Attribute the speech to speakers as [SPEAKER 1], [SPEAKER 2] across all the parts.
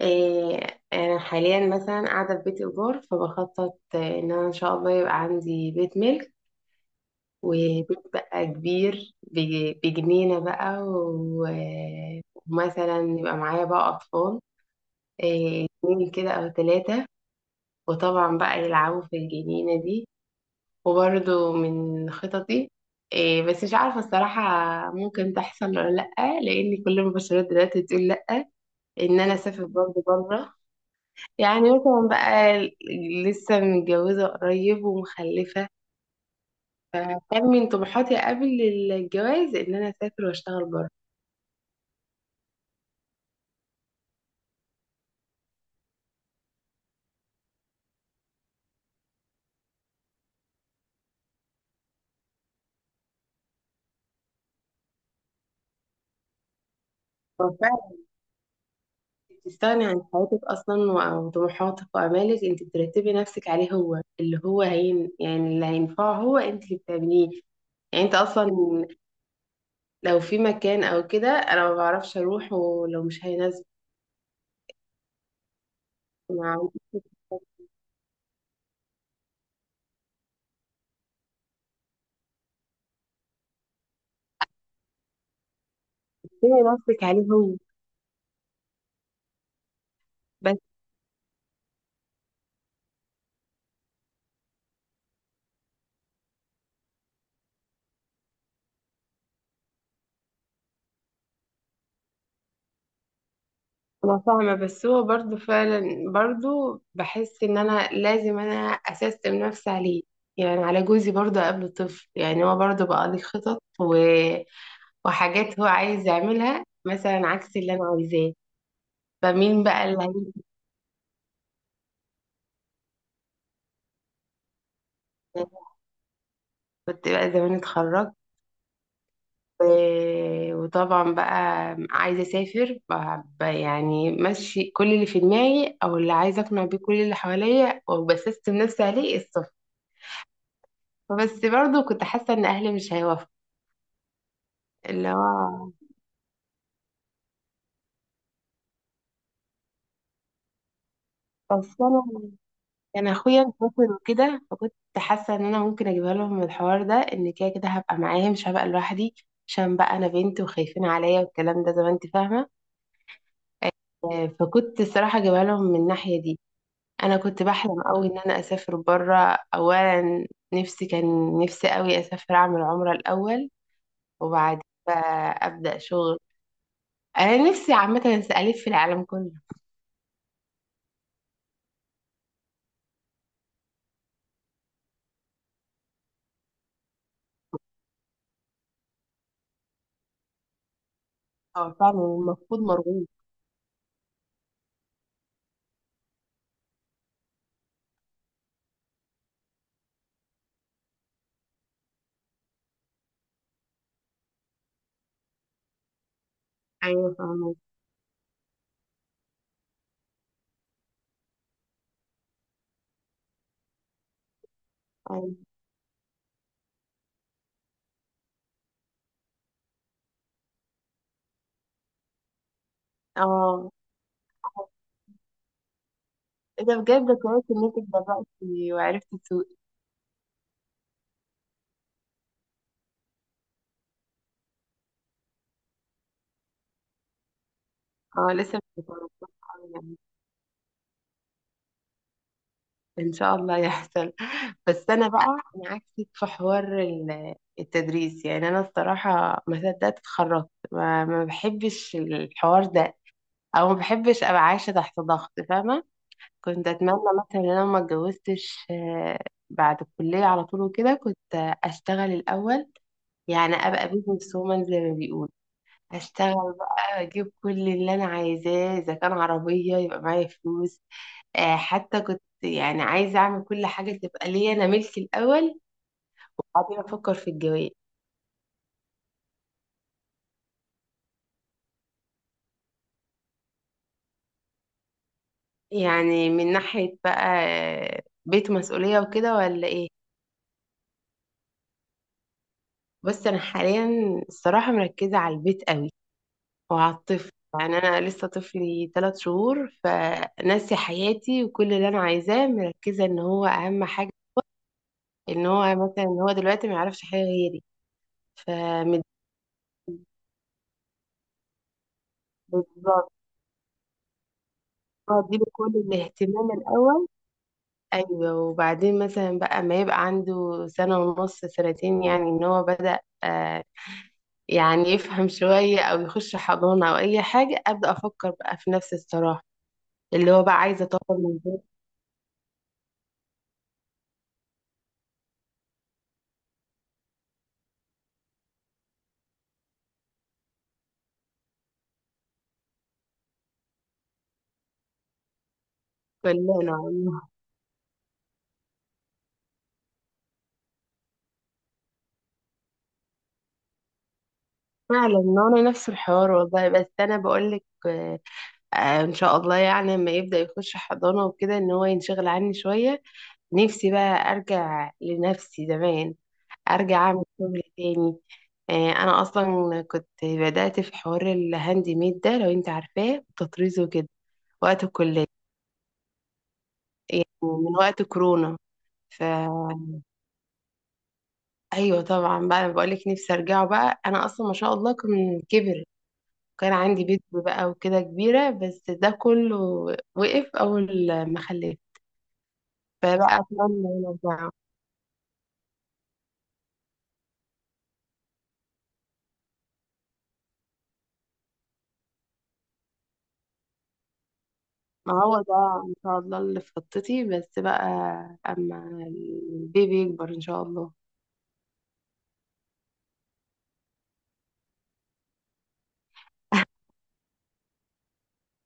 [SPEAKER 1] إيه، أنا حاليا مثلا قاعدة في بيت إيجار فبخطط إن أنا إن شاء الله يبقى عندي بيت ملك وبيت بقى كبير بجنينة بقى ومثلا يبقى معايا بقى أطفال. إيه، اتنين كده أو تلاتة، وطبعا بقى يلعبوا في الجنينة دي. وبرضو من خططي إيه، بس مش عارفة الصراحة ممكن تحصل ولا لأ. لأن كل المبشرات دلوقتي بتقول لأ. إن أنا أسافر برضو بره، يعني مثلا بقى لسه متجوزة قريب ومخلفة. فكان من طموحاتي قبل الجواز إن أنا أسافر وأشتغل بره. ففعلا أنت بتستغني عن حياتك أصلا وعن طموحاتك وآمالك، أنت بترتبي نفسك عليه هو، اللي هو هين يعني، اللي هينفعه هو أنت اللي بتعمليه. يعني أنت أصلا لو في مكان أو كده أنا ما بعرفش أروح ولو مش هيناسبك. مع بترتبي نفسك عليه هو. بس انا فاهمه، بس هو برضو فعلا برضو بحس ان انا لازم انا اسستم نفسي عليه. يعني على جوزي برضو قبل طفل، يعني هو برضو بقى لي خطط وحاجات هو عايز يعملها مثلا عكس اللي انا عايزاه. فمين بقى اللي هي. كنت بقى زمان اتخرجت وطبعا بقى عايزه اسافر، يعني ماشي كل اللي في دماغي او اللي عايزه اقنع بيه كل اللي حواليا وبسستم نفسي عليه السفر. فبس برضو كنت حاسه ان اهلي مش هيوافقوا. اللي هو بس انا كان اخويا مسافر وكده، فكنت حاسه ان انا ممكن اجيبها لهم من الحوار ده، ان كده كده هبقى معاهم مش هبقى لوحدي، عشان بقى انا بنت وخايفين عليا والكلام ده زي ما انت فاهمه. فكنت الصراحه اجيبها لهم من الناحيه دي. انا كنت بحلم قوي ان انا اسافر بره اولا. نفسي كان نفسي قوي اسافر اعمل عمره الاول. وبعد بقى ابدا شغل. انا نفسي عامه الف في العالم كله. اه فعلا المفروض مرغوب. ايوه فاهمه. أيوة. اه، إيه ده بجد كويس إن أنت اتدربتي وعرفتي تسوقي. أه، لسه مش متوقعة يعني. إن شاء الله يحصل. بس أنا بقى، أنا عكسك في حوار التدريس. يعني أنا الصراحة ما صدقت اتخرجت، ما بحبش الحوار ده. أو ما بحبش أبقى عايشة تحت ضغط فاهمة. كنت أتمنى مثلا إن أنا ما اتجوزتش، بعد الكلية على طول وكده كنت أشتغل الأول. يعني أبقى بيزنس وومن زي ما بيقولوا. هشتغل بقى اجيب كل اللي انا عايزاه، اذا كان عربيه يبقى معايا فلوس. حتى كنت يعني عايزه اعمل كل حاجه تبقى ليا انا ملكي الاول، وبعدين افكر في الجواز. يعني من ناحيه بقى بيت مسؤوليه وكده ولا ايه. بس انا حاليا الصراحه مركزه على البيت قوي، وعلى الطفل. يعني انا لسه طفلي 3 شهور، فناسي حياتي وكل اللي انا عايزاه مركزه ان هو اهم حاجه. ان هو مثلا ان هو دلوقتي ما يعرفش حاجه غيري، فمتضايقة. بالظبط، اديله كل الاهتمام الاول. ايوه، وبعدين مثلا بقى ما يبقى عنده سنه ونص سنتين، يعني ان هو بدأ يعني يفهم شويه او يخش حضانه او اي حاجه، ابدا افكر بقى في نفس الصراحه اللي هو بقى عايزه اطور من ذاتي. كلنا والله. فعلا انا نفس الحوار والله. بس انا بقول لك ان شاء الله يعني لما يبدا يخش حضانه وكده ان هو ينشغل عني شويه، نفسي بقى ارجع لنفسي زمان، ارجع اعمل شغل تاني. انا اصلا كنت بدأت في حوار الهاند ميد ده لو انت عارفاه، التطريز وكده، وقت الكلية، من وقت كورونا. ف ايوه طبعا بقى، بقول لك نفسي ارجعه بقى، انا اصلا ما شاء الله كان كبر. كان عندي بيت بقى وكده كبيرة، بس ده كله وقف اول ما خلفت. فبقى اتمنى ارجعه. ما هو ده ان شاء الله اللي في خطتي، بس بقى اما البيبي يكبر ان شاء الله.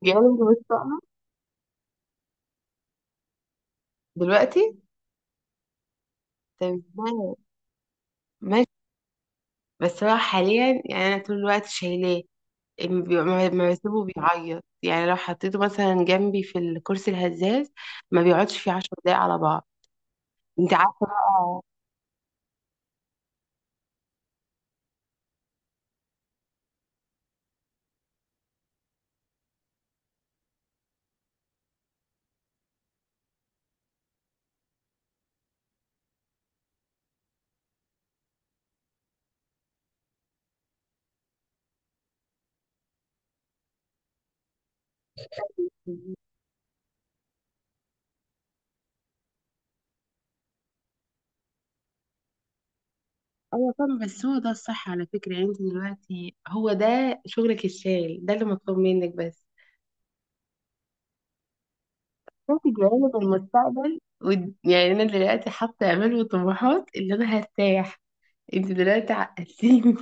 [SPEAKER 1] جاله دلوقتي تمام، ماشي. بس هو حاليا يعني انا طول الوقت شايلاه. ما بسيبه بيعيط، يعني لو حطيته مثلا جنبي في الكرسي الهزاز ما بيقعدش فيه 10 دقايق على بعض. انت عارفه بقى. ايوه طبعا بس هو ده الصح على فكره. يعني انت دلوقتي هو ده شغلك الشاغل، ده اللي مطلوب منك بس. انت جايه المستقبل يعني انا دلوقتي حاطه امال وطموحات اللي انا هرتاح. انت دلوقتي عقلتيني.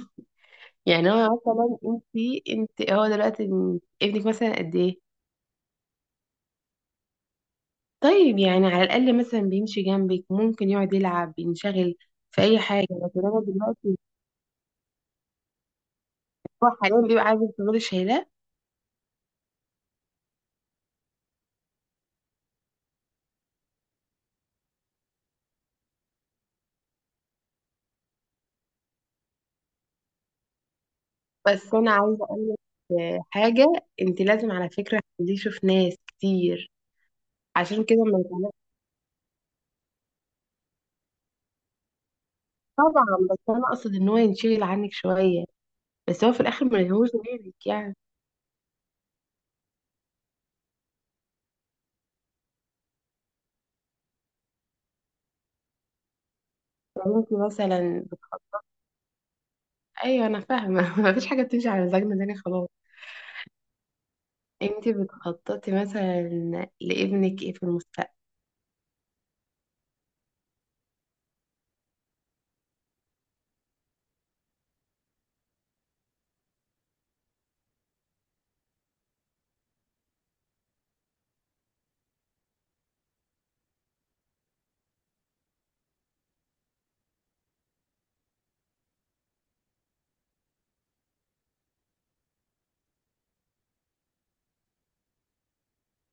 [SPEAKER 1] يعني هو مثلا انت هو دلوقتي ابنك مثلا قد ايه. طيب يعني على الاقل مثلا بيمشي جنبك ممكن يقعد يلعب بينشغل في اي حاجه، لكن انا دلوقتي هو حاليا بيبقى عايز تفضلي شايلاه. بس انا عايزه اقول لك حاجه، انت لازم على فكره تخليه يشوف ناس كتير عشان كده ما يتعلمش. طبعا بس انا اقصد ان هو ينشغل عنك شويه، بس هو في الاخر ما يهوش غيرك يعني. لو انت مثلا ايوه انا فاهمه مفيش حاجه بتمشي على مزاجنا تاني خلاص. انتي بتخططي مثلا لابنك ايه في المستقبل.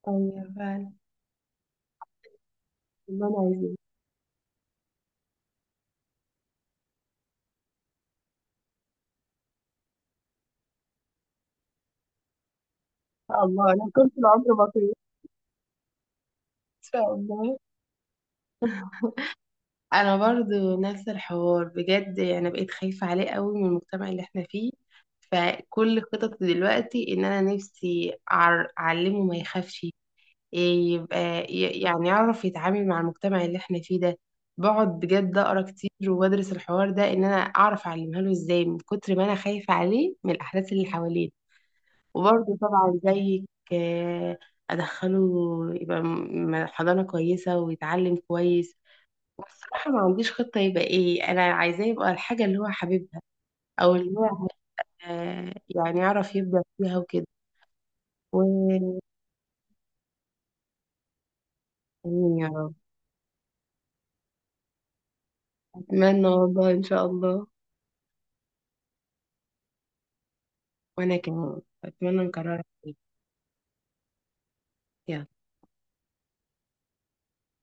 [SPEAKER 1] ايوه فعلا. اللي انا عايزاه ان شاء الله. انا كنت العمر بطيء ان شاء الله انا برضو نفس الحوار بجد، يعني بقيت خايفة عليه قوي من المجتمع اللي احنا فيه. فكل خططي دلوقتي ان انا نفسي اعلمه ما يخافش. إيه يبقى يعني يعرف يتعامل مع المجتمع اللي احنا فيه ده. بقعد بجد اقرا كتير وبدرس الحوار ده ان انا اعرف اعلمها له ازاي، من كتر ما انا خايفة عليه من الاحداث اللي حواليه. وبرضه طبعا زيك، آه، أدخله يبقى حضانة كويسة ويتعلم كويس. والصراحة ما عنديش خطة يبقى إيه أنا عايزاه، يبقى الحاجة اللي هو حاببها أو اللي هو يعني يعرف يبدع فيها وكده. وآمين يا رب. أتمنى والله إن شاء الله. وأنا كمان أتمنى نكررها تاني. يلا